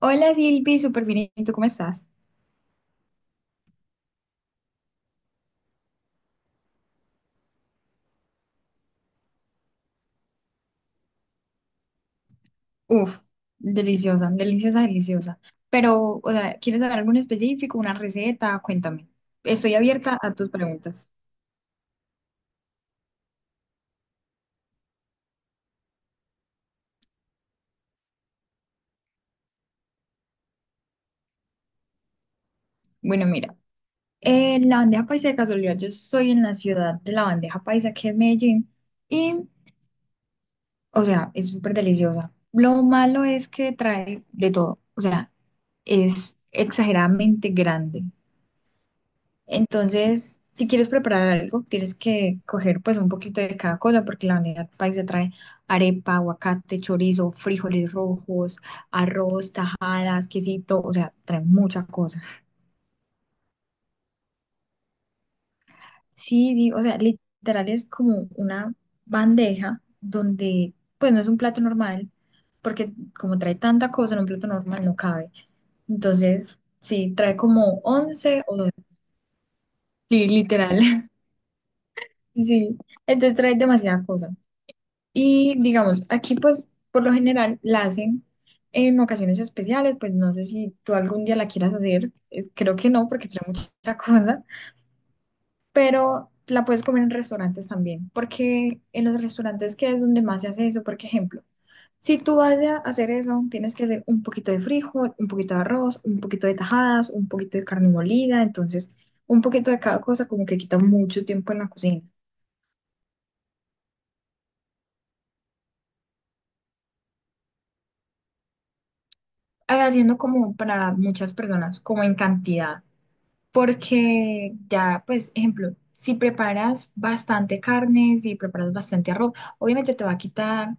Hola Silvi, súper bien. ¿Y tú cómo estás? Uf, deliciosa, deliciosa, deliciosa. Pero, o sea, ¿quieres saber algo en específico, una receta? Cuéntame. Estoy abierta a tus preguntas. Bueno, mira, la bandeja paisa de casualidad, yo soy en la ciudad de la bandeja paisa, que es Medellín, y, o sea, es súper deliciosa. Lo malo es que trae de todo, o sea, es exageradamente grande. Entonces, si quieres preparar algo, tienes que coger pues un poquito de cada cosa, porque la bandeja paisa trae arepa, aguacate, chorizo, frijoles rojos, arroz, tajadas, quesito, o sea, trae mucha cosa. Sí, sí, o sea, literal es como una bandeja donde pues no es un plato normal, porque como trae tanta cosa en un plato normal no cabe. Entonces, sí, trae como 11 o 12, sí, literal, sí, entonces trae demasiada cosa. Y digamos, aquí pues por lo general la hacen en ocasiones especiales, pues no sé si tú algún día la quieras hacer, creo que no porque trae mucha cosa, pero la puedes comer en restaurantes también, porque en los restaurantes que es donde más se hace eso, por ejemplo, si tú vas a hacer eso, tienes que hacer un poquito de frijol, un poquito de arroz, un poquito de tajadas, un poquito de carne molida, entonces un poquito de cada cosa como que quita mucho tiempo en la cocina, haciendo como para muchas personas, como en cantidad. Porque ya, pues, ejemplo, si preparas bastante carne, si preparas bastante arroz, obviamente te va a quitar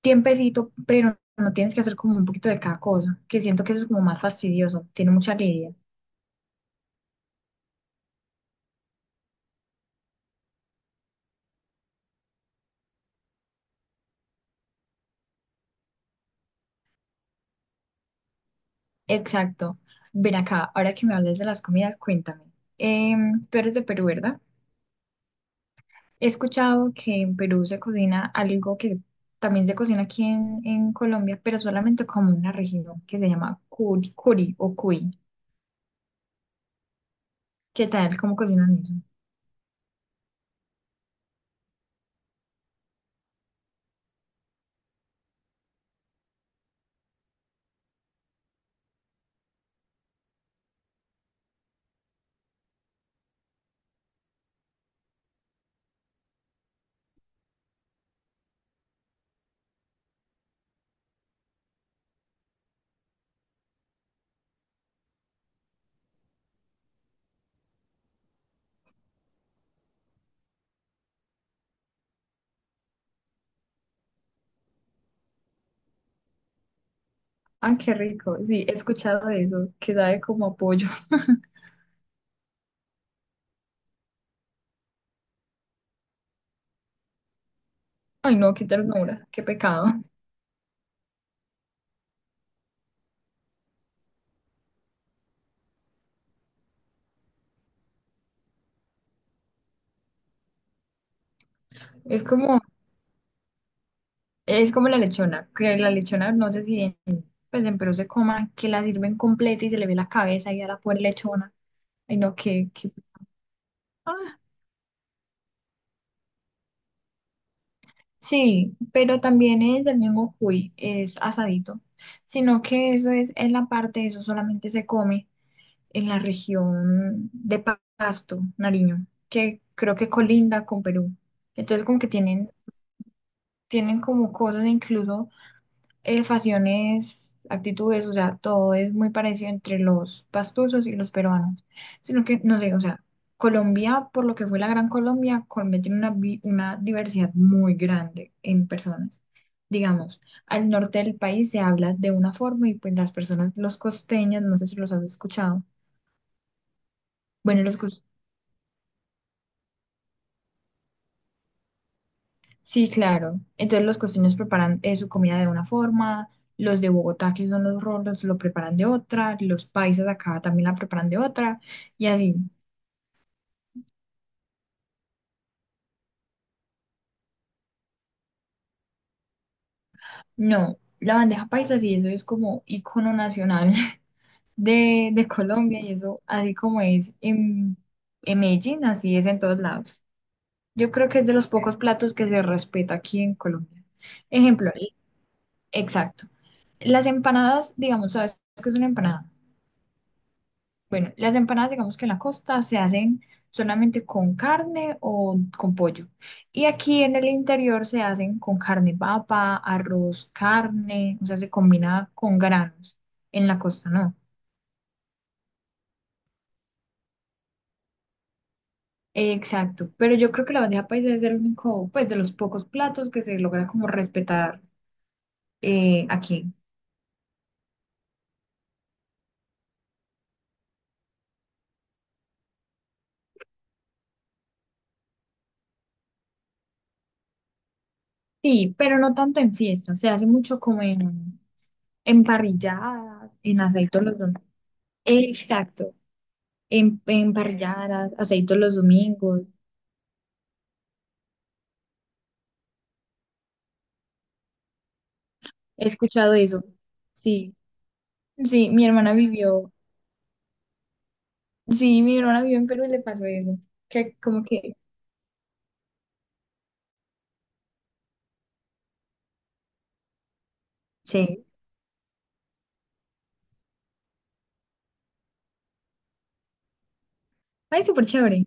tiempecito, pero no tienes que hacer como un poquito de cada cosa, que siento que eso es como más fastidioso, tiene mucha lidia. Exacto. Ven acá, ahora que me hables de las comidas, cuéntame. Tú eres de Perú, ¿verdad? He escuchado que en Perú se cocina algo que también se cocina aquí en Colombia, pero solamente como una región que se llama curi, o cuy. ¿Qué tal? ¿Cómo cocinan eso? Ah, qué rico. Sí, he escuchado de eso, que sabe como a pollo. Ay, no, qué ternura, qué pecado. Es como, es como la lechona, que la lechona, no sé si en, pues en Perú se coma, que la sirven completa y se le ve la cabeza y a la pobre lechona. Ay, no, qué, qué- Ah, sí, pero también es del mismo cuy, es asadito, sino que eso es en la parte, eso solamente se come en la región de Pa- Pasto, Nariño, que creo que colinda con Perú. Entonces como que tienen como cosas, incluso facciones, actitudes, o sea, todo es muy parecido entre los pastusos y los peruanos. Sino que, no sé, o sea, Colombia, por lo que fue la Gran Colombia, Colombia tiene una, vi- una diversidad muy grande en personas. Digamos, al norte del país se habla de una forma y pues las personas, los costeños, no sé si los has escuchado. Bueno, los, cos- Sí, claro. Entonces los costeños preparan su comida de una forma, los de Bogotá, que son los rolos, lo preparan de otra, los paisas acá también la preparan de otra, y así. No, la bandeja paisa sí, eso es como icono nacional de Colombia, y eso así como es en Medellín, así es en todos lados. Yo creo que es de los pocos platos que se respeta aquí en Colombia. Ejemplo, el- exacto. Las empanadas, digamos, ¿sabes qué es una empanada? Bueno, las empanadas, digamos que en la costa se hacen solamente con carne o con pollo. Y aquí en el interior se hacen con carne papa, arroz, carne, o sea, se combina con granos. En la costa no. Exacto. Pero yo creo que la bandeja paisa es el único, pues, de los pocos platos que se logra como respetar aquí. Sí, pero no tanto en fiestas. Se hace mucho como en parrilladas, en aceitos los dos. Exacto. En parrilladas, aceitos los domingos. He escuchado eso. Sí, sí, sí, mi hermana vivió en Perú y le pasó eso. Que como que, sí, ay, súper chévere.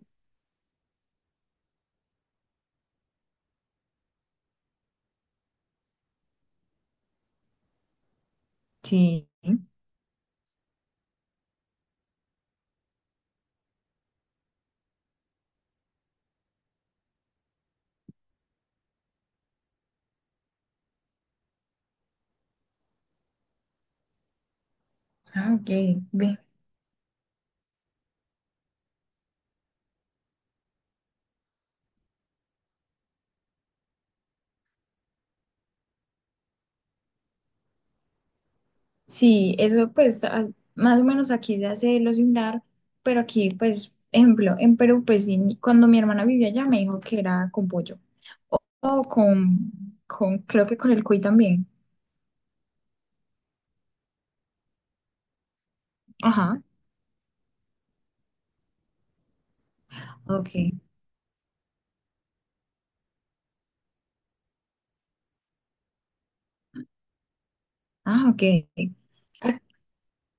Sí. Ah, ok, ve. Sí, eso pues a- más o menos aquí se hace lo similar, pero aquí pues, ejemplo, en Perú pues sí, mi- cuando mi hermana vivía allá me dijo que era con pollo o con, creo que con el cuy también. Ajá, ok. Ah, ok.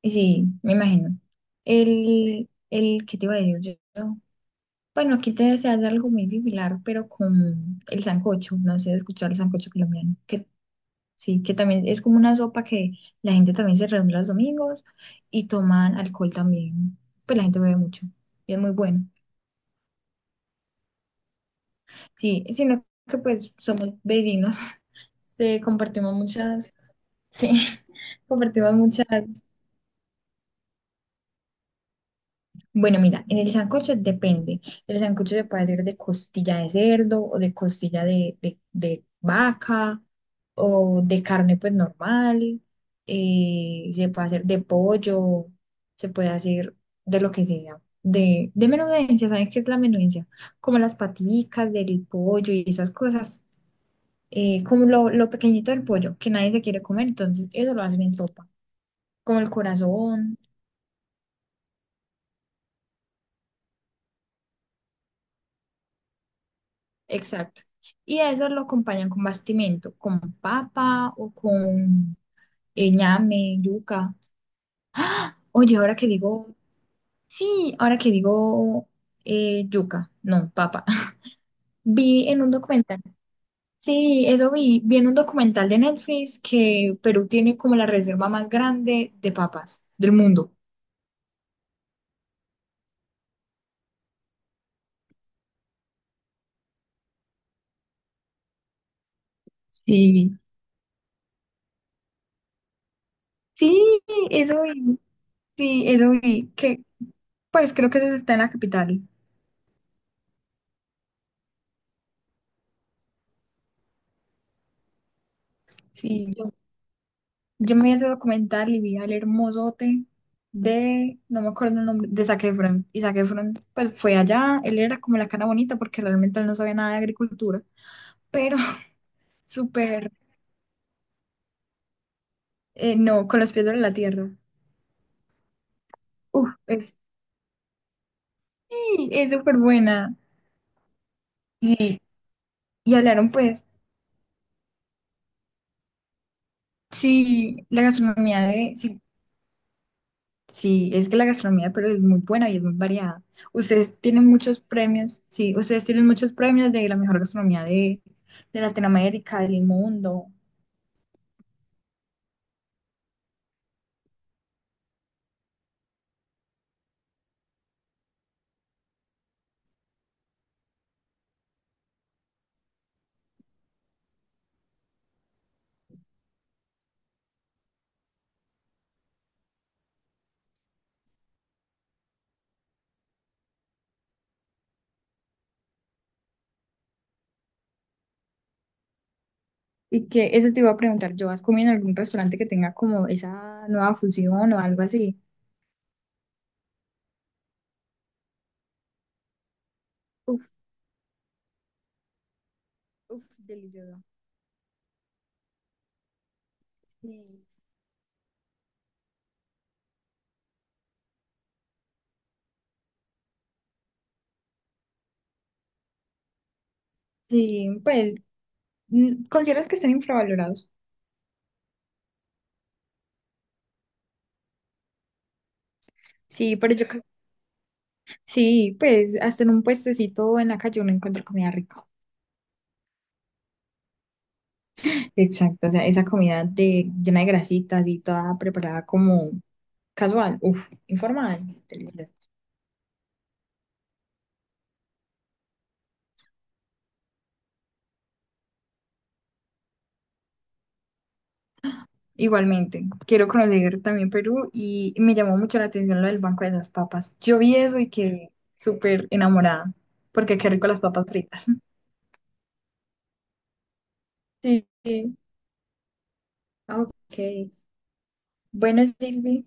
Sí, me imagino. ¿Qué te iba a decir yo? Bueno, aquí te se hace algo muy similar, pero con el sancocho. No sé, escuchar el sancocho colombiano. Que, sí, que también es como una sopa que la gente también se reúne los domingos y toman alcohol también. Pues la gente bebe mucho y es muy bueno. Sí, sino que pues somos vecinos, se compartimos muchas, sí, compartimos muchas. Bueno, mira, en el sancocho depende. El sancocho se puede hacer de costilla de cerdo o de costilla de vaca o de carne pues normal. Se puede hacer de pollo, se puede hacer de lo que sea. De menudencia, ¿sabes qué es la menudencia? Como las paticas del pollo y esas cosas. Como lo pequeñito del pollo que nadie se quiere comer, entonces eso lo hacen en sopa. Como el corazón. Exacto. Y eso lo acompañan con bastimento, con papa o con ñame, yuca. Oye, sí, ahora que digo yuca, no, papa. Vi en un documental, sí, eso vi, vi en un documental de Netflix que Perú tiene como la reserva más grande de papas del mundo. Sí. Sí, eso vi, sí, eso vi, que pues creo que eso está en la capital. Sí, yo me vi ese documental y vi al hermosote de, no me acuerdo el nombre, de Zac Efron. Y Zac Efron, pues fue allá, él era como la cara bonita porque realmente él no sabía nada de agricultura, pero súper, no, con los pies sobre la tierra. Uf, es, sí, es súper buena. Y, y hablaron pues, sí, la gastronomía de, sí, sí, es que la gastronomía pero es muy buena y es muy variada. Ustedes tienen muchos premios, sí, ustedes tienen muchos premios de la mejor gastronomía de Latinoamérica, del mundo. Y que eso te iba a preguntar, ¿yo has comido en algún restaurante que tenga como esa nueva fusión o algo así? Uf, uf, delicioso. Sí, sí, pues, mm, ¿consideras que están infravalorados? Sí, pero yo creo, sí, pues hasta en un puestecito en la calle uno encuentra comida rica. Exacto, o sea, esa comida de, llena de grasitas y toda preparada como casual, uff, informal, delicioso. Igualmente, quiero conocer también Perú y me llamó mucho la atención lo del Banco de las Papas. Yo vi eso y quedé súper enamorada, porque qué rico las papas fritas. Sí. Sí. Ah, ok. Bueno, Silvi,